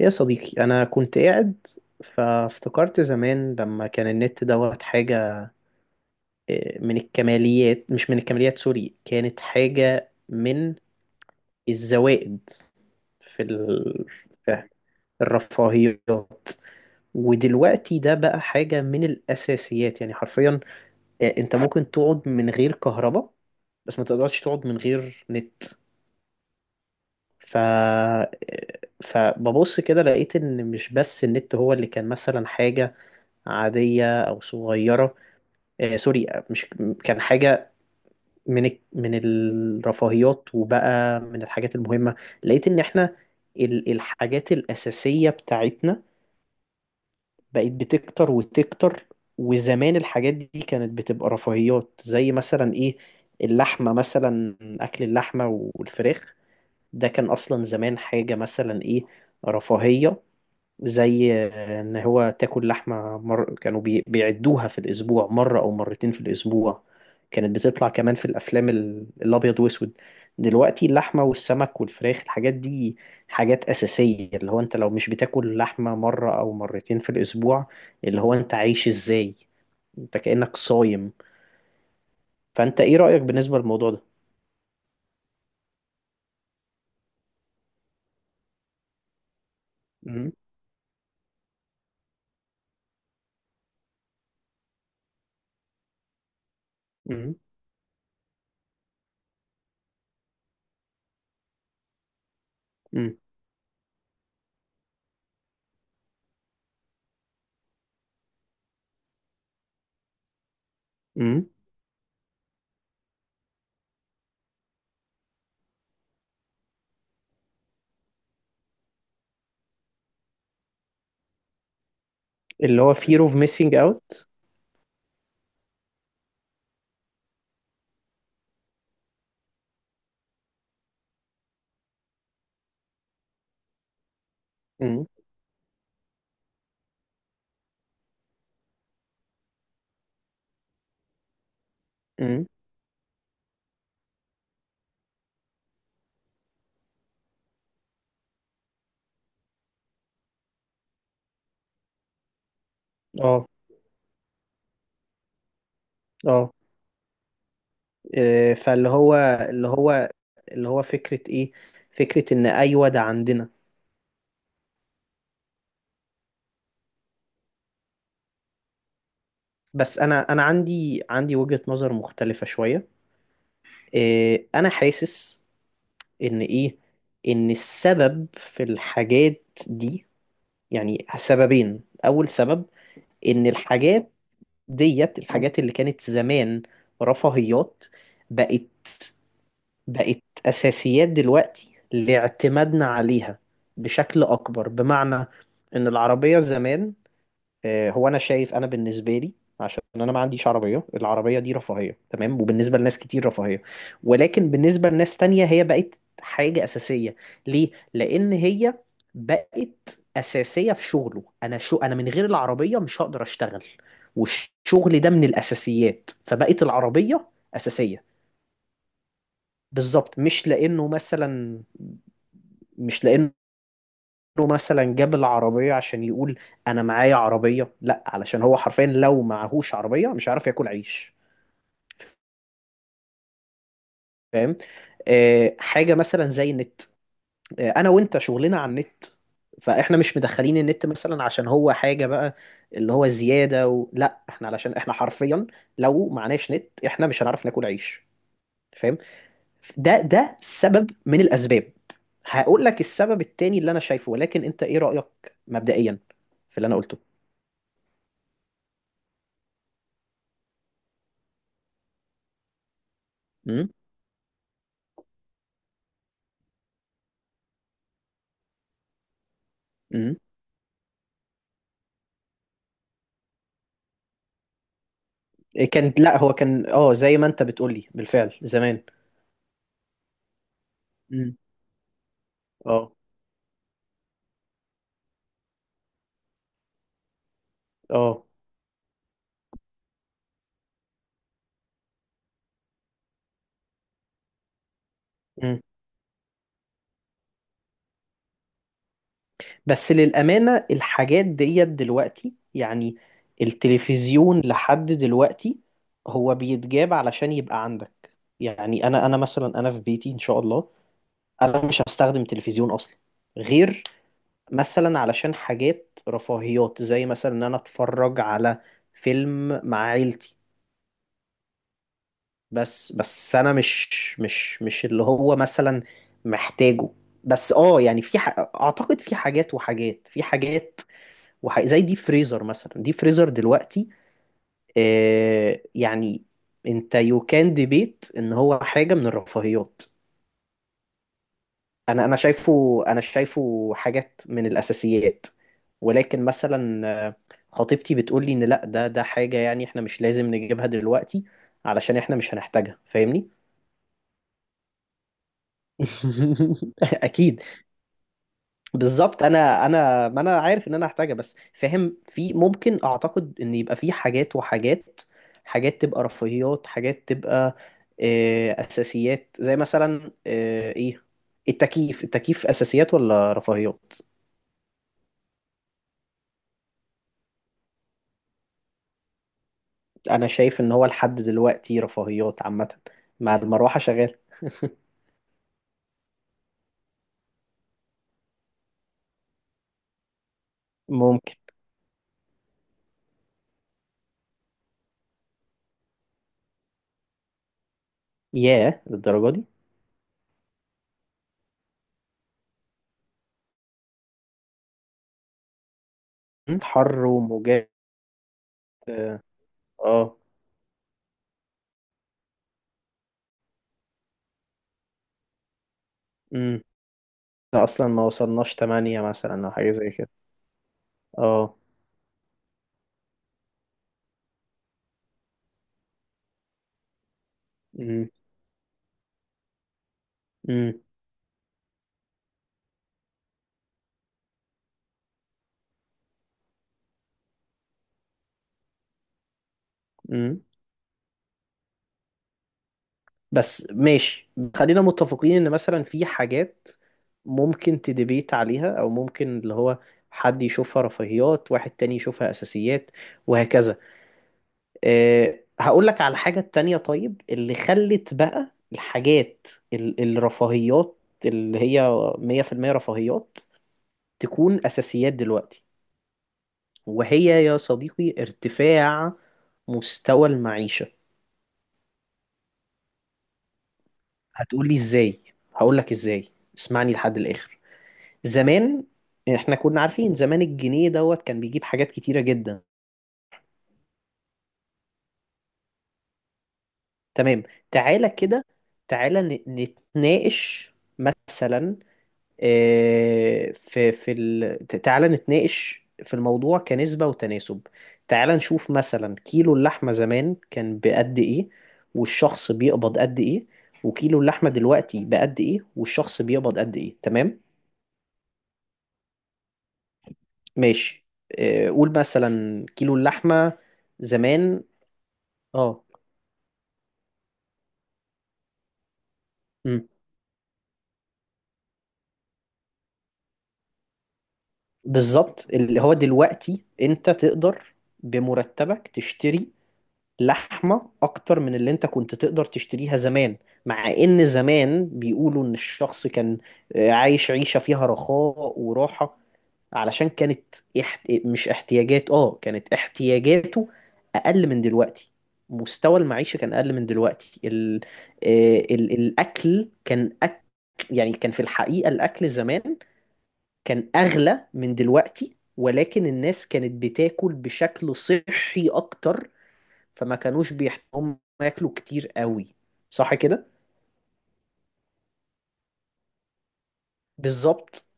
يا صديقي، أنا كنت قاعد فافتكرت زمان لما كان النت دوت حاجة، من الكماليات، مش من الكماليات، سوري، كانت حاجة من الزوائد. في ال... في الرفاهيات. ودلوقتي ده بقى حاجة من الأساسيات، يعني حرفيا. أنت ممكن تقعد من غير كهرباء، بس ما تقدرش تقعد من غير نت. ف آه، فببص كده لقيت إن مش بس النت هو اللي كان مثلا حاجة عادية أو صغيرة. سوري، مش كان حاجة من من الرفاهيات، وبقى من الحاجات المهمة. لقيت إن إحنا الحاجات الأساسية بتاعتنا بقت بتكتر وتكتر، وزمان الحاجات دي كانت بتبقى رفاهيات، زي مثلا إيه، اللحمة مثلا، أكل اللحمة والفراخ. ده كان أصلا زمان حاجة مثلا إيه، رفاهية. زي ان هو تاكل لحمه، كانوا بيعدوها في الاسبوع مره او مرتين في الاسبوع. كانت بتطلع كمان في الافلام الابيض واسود. دلوقتي اللحمه والسمك والفراخ، الحاجات دي حاجات اساسيه. اللي هو انت لو مش بتاكل لحمه مره او مرتين في الاسبوع، اللي هو انت عايش ازاي؟ انت كأنك صايم. فانت ايه رأيك بالنسبه للموضوع ده؟ مم. مم. مم. مم. اللي هو fear of missing out. مم. مم. اه، اه، فاللي هو اللي هو فكرة ايه، فكرة ان ايوه ده عندنا. بس انا عندي وجهة نظر مختلفة شوية. انا حاسس ان ايه، ان السبب في الحاجات دي يعني سببين. اول سبب، ان الحاجات ديت، الحاجات اللي كانت زمان رفاهيات، بقت بقت اساسيات دلوقتي لاعتمادنا عليها بشكل اكبر. بمعنى ان العربية زمان، هو انا شايف، انا بالنسبه لي، عشان انا ما عنديش عربيه، العربيه دي رفاهيه، تمام، وبالنسبه لناس كتير رفاهيه، ولكن بالنسبه لناس تانية هي بقت حاجه اساسيه. ليه؟ لان هي بقت اساسيه في شغله. انا من غير العربيه مش هقدر اشتغل، والشغل ده من الاساسيات، فبقت العربيه اساسيه. بالظبط، مش لانه له مثلا جاب العربية عشان يقول أنا معايا عربية، لأ، علشان هو حرفيا لو معهوش عربية مش هيعرف ياكل عيش. فاهم؟ حاجة مثلا زي النت. أنا وأنت شغلنا على النت، فإحنا مش مدخلين النت مثلا عشان هو حاجة بقى، اللي هو زيادة لأ، إحنا علشان إحنا حرفيا لو معناش نت إحنا مش هنعرف ناكل عيش. فاهم؟ ده سبب من الأسباب. هقول لك السبب التاني اللي أنا شايفه، ولكن أنت إيه رأيك مبدئيا في اللي أنا قلته؟ امم كان، لا هو كان، زي ما انت بتقولي بالفعل زمان. مم. اه، اه. مم. بس للأمانة الحاجات ديت دلوقتي، يعني التلفزيون لحد دلوقتي هو بيتجاب علشان يبقى عندك. يعني انا مثلا في بيتي، ان شاء الله، انا مش هستخدم تلفزيون اصلا، غير مثلا علشان حاجات رفاهيات، زي مثلا ان انا اتفرج على فيلم مع عيلتي. بس انا مش اللي هو مثلا محتاجه. بس يعني في اعتقد في حاجات وحاجات، في حاجات، زي دي فريزر مثلا، دي فريزر دلوقتي. يعني انت يو كان ديبيت ان هو حاجة من الرفاهيات. انا شايفه حاجات من الاساسيات. ولكن مثلا خطيبتي بتقول لي ان لا، ده حاجة يعني احنا مش لازم نجيبها دلوقتي، علشان احنا مش هنحتاجها. فاهمني؟ اكيد. بالظبط، انا ما انا عارف ان انا هحتاجها، بس فاهم، في ممكن اعتقد ان يبقى في حاجات وحاجات، حاجات تبقى رفاهيات، حاجات تبقى اساسيات. زي مثلا ايه، التكييف، التكييف اساسيات ولا رفاهيات؟ انا شايف ان هو لحد دلوقتي رفاهيات عامة، مع المروحة شغال. ممكن. ياه، للدرجة دي؟ مم، حر وموجات، اه آه، مم. ده اصلا ما وصلناش 8 مثلا او حاجة زي كده. اه امم امم بس ماشي، خلينا متفقين ان مثلا في حاجات ممكن تدبيت عليها، او ممكن اللي هو حد يشوفها رفاهيات واحد تاني يشوفها اساسيات، وهكذا. هقول لك على الحاجة التانية. طيب، اللي خلت بقى الحاجات الرفاهيات اللي هي 100% رفاهيات تكون اساسيات دلوقتي، وهي يا صديقي ارتفاع مستوى المعيشة. هتقولي ازاي؟ هقول لك ازاي. اسمعني لحد الاخر. زمان احنا كنا عارفين زمان الجنيه دوت كان بيجيب حاجات كتيرة جدا. تمام. تعالى كده، تعالى نتناقش مثلا، تعالى نتناقش في الموضوع كنسبة وتناسب. تعالى نشوف مثلا، كيلو اللحمة زمان كان بقد ايه، والشخص بيقبض قد ايه، وكيلو اللحمة دلوقتي بقد ايه، والشخص بيقبض قد ايه. تمام. ماشي. قول مثلا كيلو اللحمة زمان. اه مم. بالظبط، اللي هو دلوقتي انت تقدر بمرتبك تشتري لحمة اكتر من اللي انت كنت تقدر تشتريها زمان، مع ان زمان بيقولوا ان الشخص كان عايش عيشة فيها رخاء وراحة، علشان كانت مش احتياجات، كانت احتياجاته اقل من دلوقتي. مستوى المعيشة كان اقل من دلوقتي. الاكل كان يعني كان في الحقيقة الاكل زمان كان اغلى من دلوقتي، ولكن الناس كانت بتاكل بشكل صحي اكتر، فما كانوش بيحتاجوا ياكلوا كتير قوي. صح كده؟ بالظبط.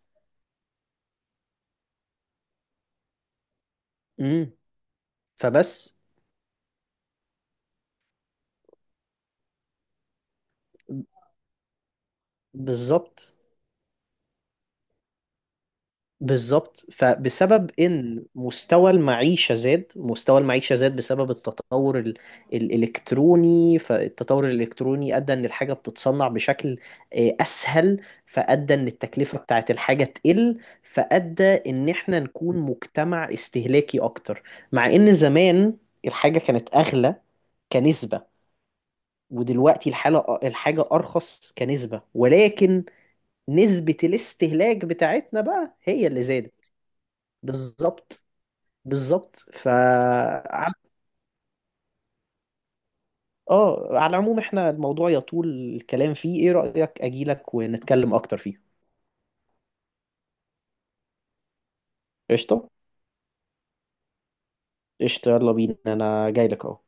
امم فبس، بالظبط، بالظبط، فبسبب ان مستوى المعيشه زاد. مستوى المعيشه زاد بسبب التطور الالكتروني، فالتطور الالكتروني ادى ان الحاجه بتتصنع بشكل اسهل، فادى ان التكلفه بتاعت الحاجه تقل، فادى ان احنا نكون مجتمع استهلاكي اكتر، مع ان زمان الحاجه كانت اغلى كنسبه، ودلوقتي الحاجه ارخص كنسبه، ولكن نسبه الاستهلاك بتاعتنا بقى هي اللي زادت. بالظبط، بالظبط، ف ع- اه على العموم احنا الموضوع يطول الكلام فيه. ايه رأيك اجيلك ونتكلم اكتر فيه؟ قشطة. قشطة، يلا بينا، انا جاي لك اهو.